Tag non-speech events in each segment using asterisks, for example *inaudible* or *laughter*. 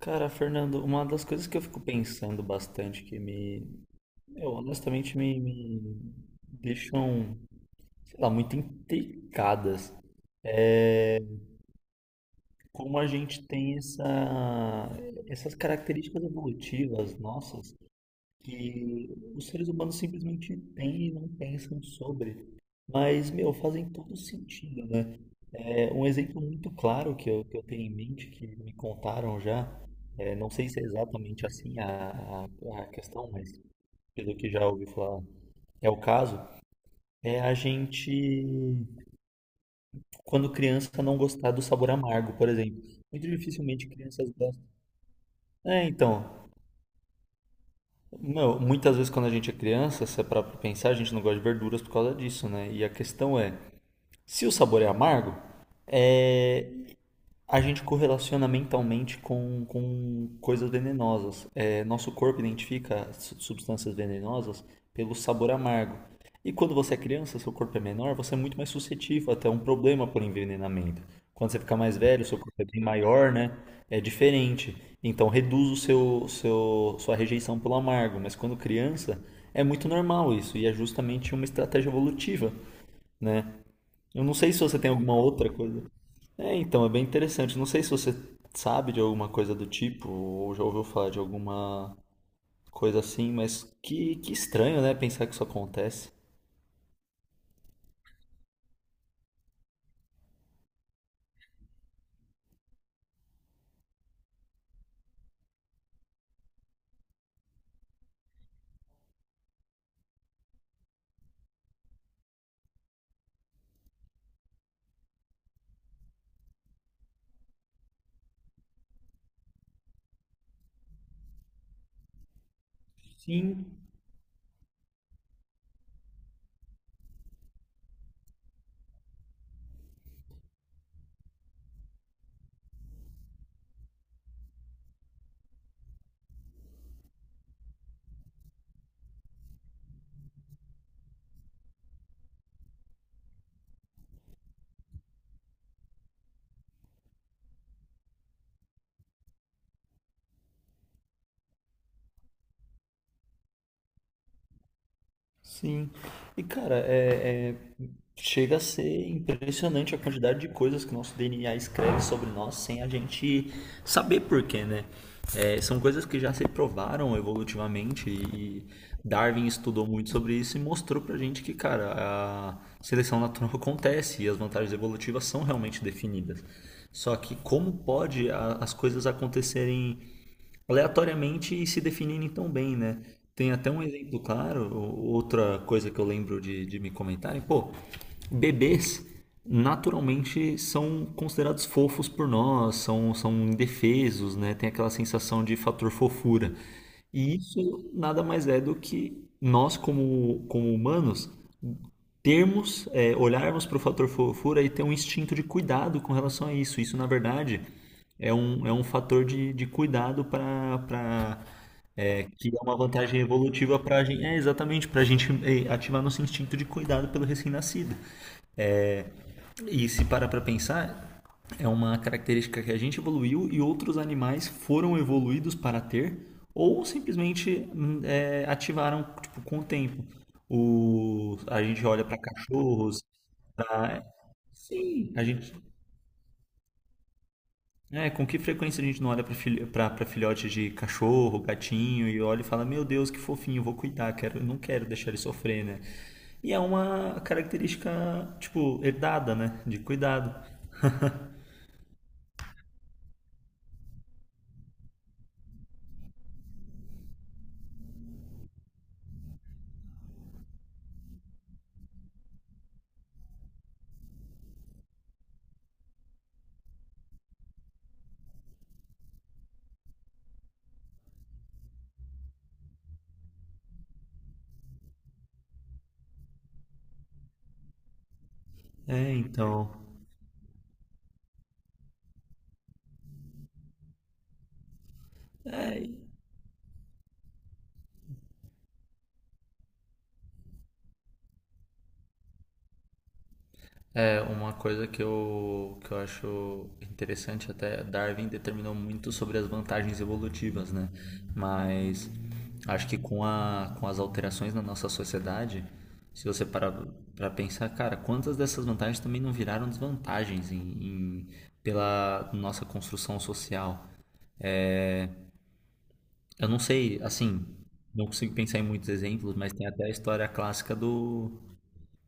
Cara, Fernando, uma das coisas que eu fico pensando bastante, que me, eu, honestamente me deixam, sei lá, muito intricadas, é como a gente tem essas características evolutivas nossas que os seres humanos simplesmente têm e não pensam sobre, mas, meu, fazem todo sentido, né? É, um exemplo muito claro que eu tenho em mente, que me contaram já, é, não sei se é exatamente assim a questão, mas pelo que já ouvi falar, é o caso, é a gente, quando criança, não gostar do sabor amargo, por exemplo. Muito dificilmente crianças gostam. É, então, meu, muitas vezes quando a gente é criança, se é pra pensar, a gente não gosta de verduras por causa disso, né? E a questão é, se o sabor é amargo, é, a gente correlaciona mentalmente com coisas venenosas. É, nosso corpo identifica substâncias venenosas pelo sabor amargo. E quando você é criança, seu corpo é menor, você é muito mais suscetível até um problema por envenenamento. Quando você fica mais velho, seu corpo é bem maior, né? É diferente. Então reduz o sua rejeição pelo amargo. Mas quando criança, é muito normal isso. E é justamente uma estratégia evolutiva, né? Eu não sei se você tem alguma outra coisa. É, então, é bem interessante. Não sei se você sabe de alguma coisa do tipo, ou já ouviu falar de alguma coisa assim, mas que estranho, né? Pensar que isso acontece. Sim. Sim. E cara, é- chega a ser impressionante a quantidade de coisas que o nosso DNA escreve sobre nós sem a gente saber porquê, né? É, são coisas que já se provaram evolutivamente e Darwin estudou muito sobre isso e mostrou pra gente que, cara, a seleção natural *laughs* acontece e as vantagens evolutivas são realmente definidas. Só que como pode as coisas acontecerem aleatoriamente e se definindo tão bem, né? Tem até um exemplo claro, outra coisa que eu lembro de me comentarem, pô, bebês naturalmente são considerados fofos por nós, são indefesos, né? Tem aquela sensação de fator fofura. E isso nada mais é do que nós, como humanos, olharmos para o fator fofura e ter um instinto de cuidado com relação a isso. Isso, na verdade, é um fator de cuidado para que é uma vantagem evolutiva para a gente, é exatamente para a gente ativar nosso instinto de cuidado pelo recém-nascido. E se parar para pensar, é uma característica que a gente evoluiu e outros animais foram evoluídos para ter ou simplesmente ativaram tipo, com o tempo. A gente olha para cachorros, pra, Sim, a gente. É, com que frequência a gente não olha para pra filhote de cachorro, gatinho e olha e fala: Meu Deus, que fofinho, vou cuidar, não quero deixar ele sofrer, né? E é uma característica, tipo, herdada, né? De cuidado. É, então. É, uma coisa que eu acho interessante até, Darwin determinou muito sobre as vantagens evolutivas, né? Mas acho que com as alterações na nossa sociedade, se você parar para pensar, cara, quantas dessas vantagens também não viraram desvantagens em- pela nossa construção social? Eu não sei, assim, não consigo pensar em muitos exemplos, mas tem até a história clássica do,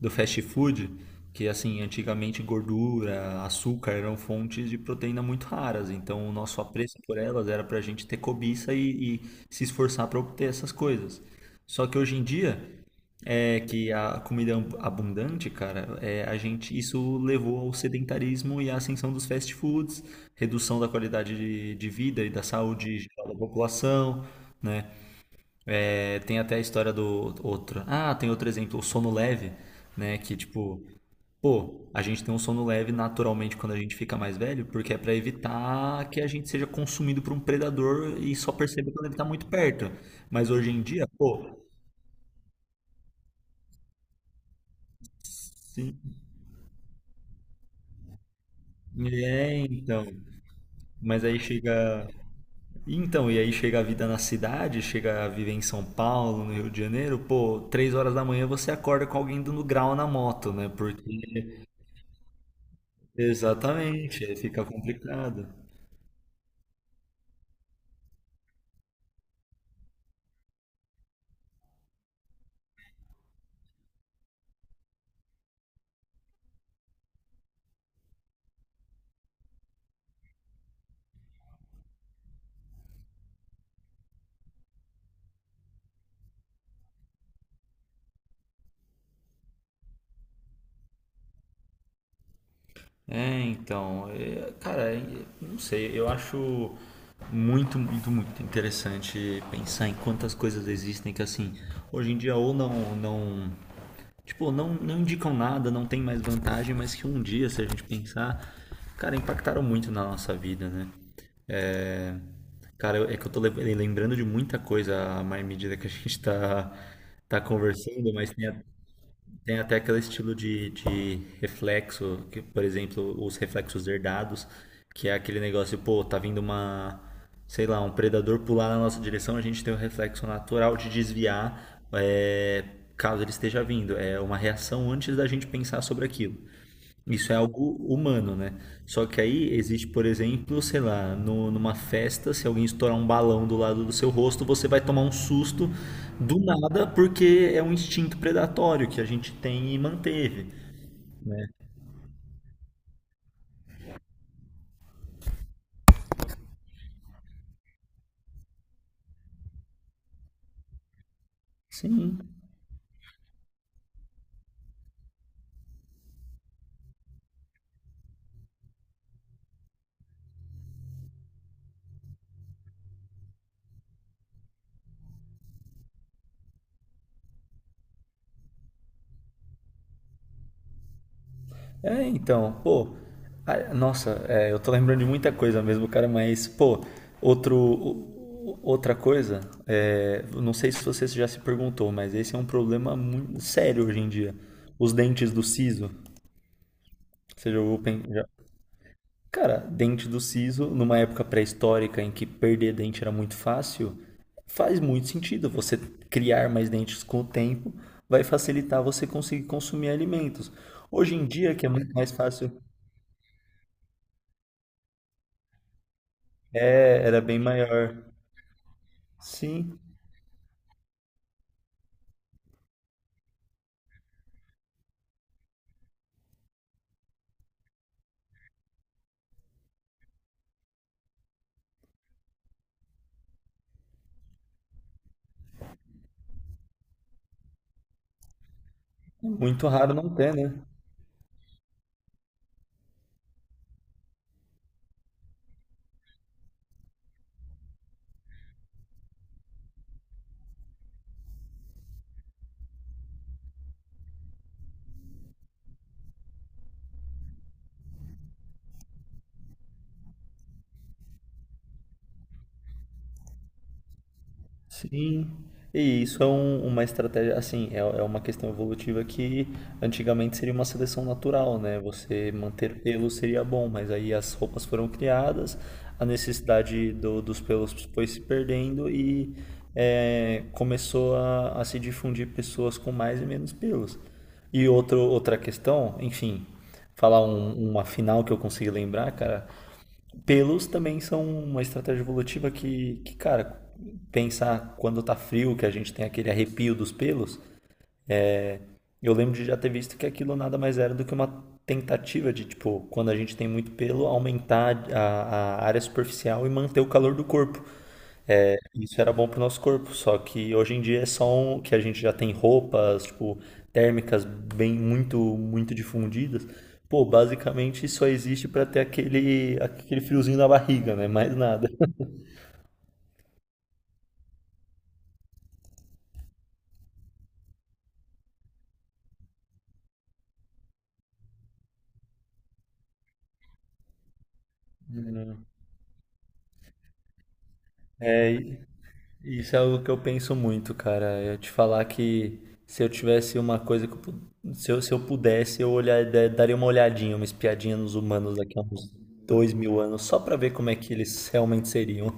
do fast food, que assim, antigamente gordura, açúcar eram fontes de proteína muito raras, então o nosso apreço por elas era para a gente ter cobiça e se esforçar para obter essas coisas. Só que hoje em dia, é que a comida abundante, cara, é, a gente isso levou ao sedentarismo e à ascensão dos fast foods, redução da qualidade de vida e da saúde geral da população, né? É, tem até a história do outro. Ah, tem outro exemplo, o sono leve, né? Que tipo, pô, a gente tem um sono leve naturalmente quando a gente fica mais velho, porque é pra evitar que a gente seja consumido por um predador e só perceba quando ele tá muito perto. Mas hoje em dia, pô, sim, é então. Mas aí chega. Então, e aí chega a vida na cidade, chega a viver em São Paulo, no Rio de Janeiro, pô, 3 horas da manhã você acorda com alguém dando grau na moto, né? Porque. Exatamente, aí fica complicado. É, então, é, cara, é, não sei, eu acho muito, muito, muito interessante pensar em quantas coisas existem que assim, hoje em dia ou não, não, tipo, não, não indicam nada, não tem mais vantagem, mas que um dia, se a gente pensar, cara, impactaram muito na nossa vida, né? É, cara, é que eu tô lembrando de muita coisa à mais medida que a gente tá conversando, mas tem. Tem até aquele estilo de reflexo, que, por exemplo, os reflexos herdados, que é aquele negócio, pô, tá vindo sei lá, um predador pular na nossa direção, a gente tem o reflexo natural de desviar, é, caso ele esteja vindo. É uma reação antes da gente pensar sobre aquilo. Isso é algo humano, né? Só que aí existe, por exemplo, sei lá, numa festa, se alguém estourar um balão do lado do seu rosto, você vai tomar um susto do nada, porque é um instinto predatório que a gente tem e manteve. Sim. É, então, pô, nossa, é, eu tô lembrando de muita coisa mesmo, cara, mas, pô, outra coisa, é, eu não sei se você já se perguntou, mas esse é um problema muito sério hoje em dia. Os dentes do siso, você já ouviu, já. Cara, dente do siso, numa época pré-histórica em que perder dente era muito fácil, faz muito sentido. Você criar mais dentes com o tempo vai facilitar você conseguir consumir alimentos. Hoje em dia, que é muito mais fácil, é, era bem maior. Sim, muito raro não ter, né? Sim, e isso é uma estratégia, assim, é uma questão evolutiva que antigamente seria uma seleção natural, né? Você manter pelos seria bom, mas aí as roupas foram criadas, a necessidade dos pelos foi se perdendo e começou a se difundir pessoas com mais e menos pelos. E outra questão, enfim, falar uma final que eu consegui lembrar, cara, pelos também são uma estratégia evolutiva que, cara, pensar quando tá frio, que a gente tem aquele arrepio dos pelos, eu lembro de já ter visto que aquilo nada mais era do que uma tentativa de, tipo, quando a gente tem muito pelo, aumentar a área superficial e manter o calor do corpo. É, isso era bom pro nosso corpo, só que hoje em dia é só um, que a gente já tem roupas, tipo, térmicas bem muito, muito difundidas. Pô, basicamente só existe pra ter aquele friozinho na barriga, né? Mais nada. Hum, É, i- isso é algo que eu penso muito, cara. Eu te falar que se eu tivesse uma coisa se eu pudesse, eu olhar, daria uma olhadinha, uma espiadinha nos humanos daqui a uns 2 mil anos, só pra ver como é que eles realmente seriam.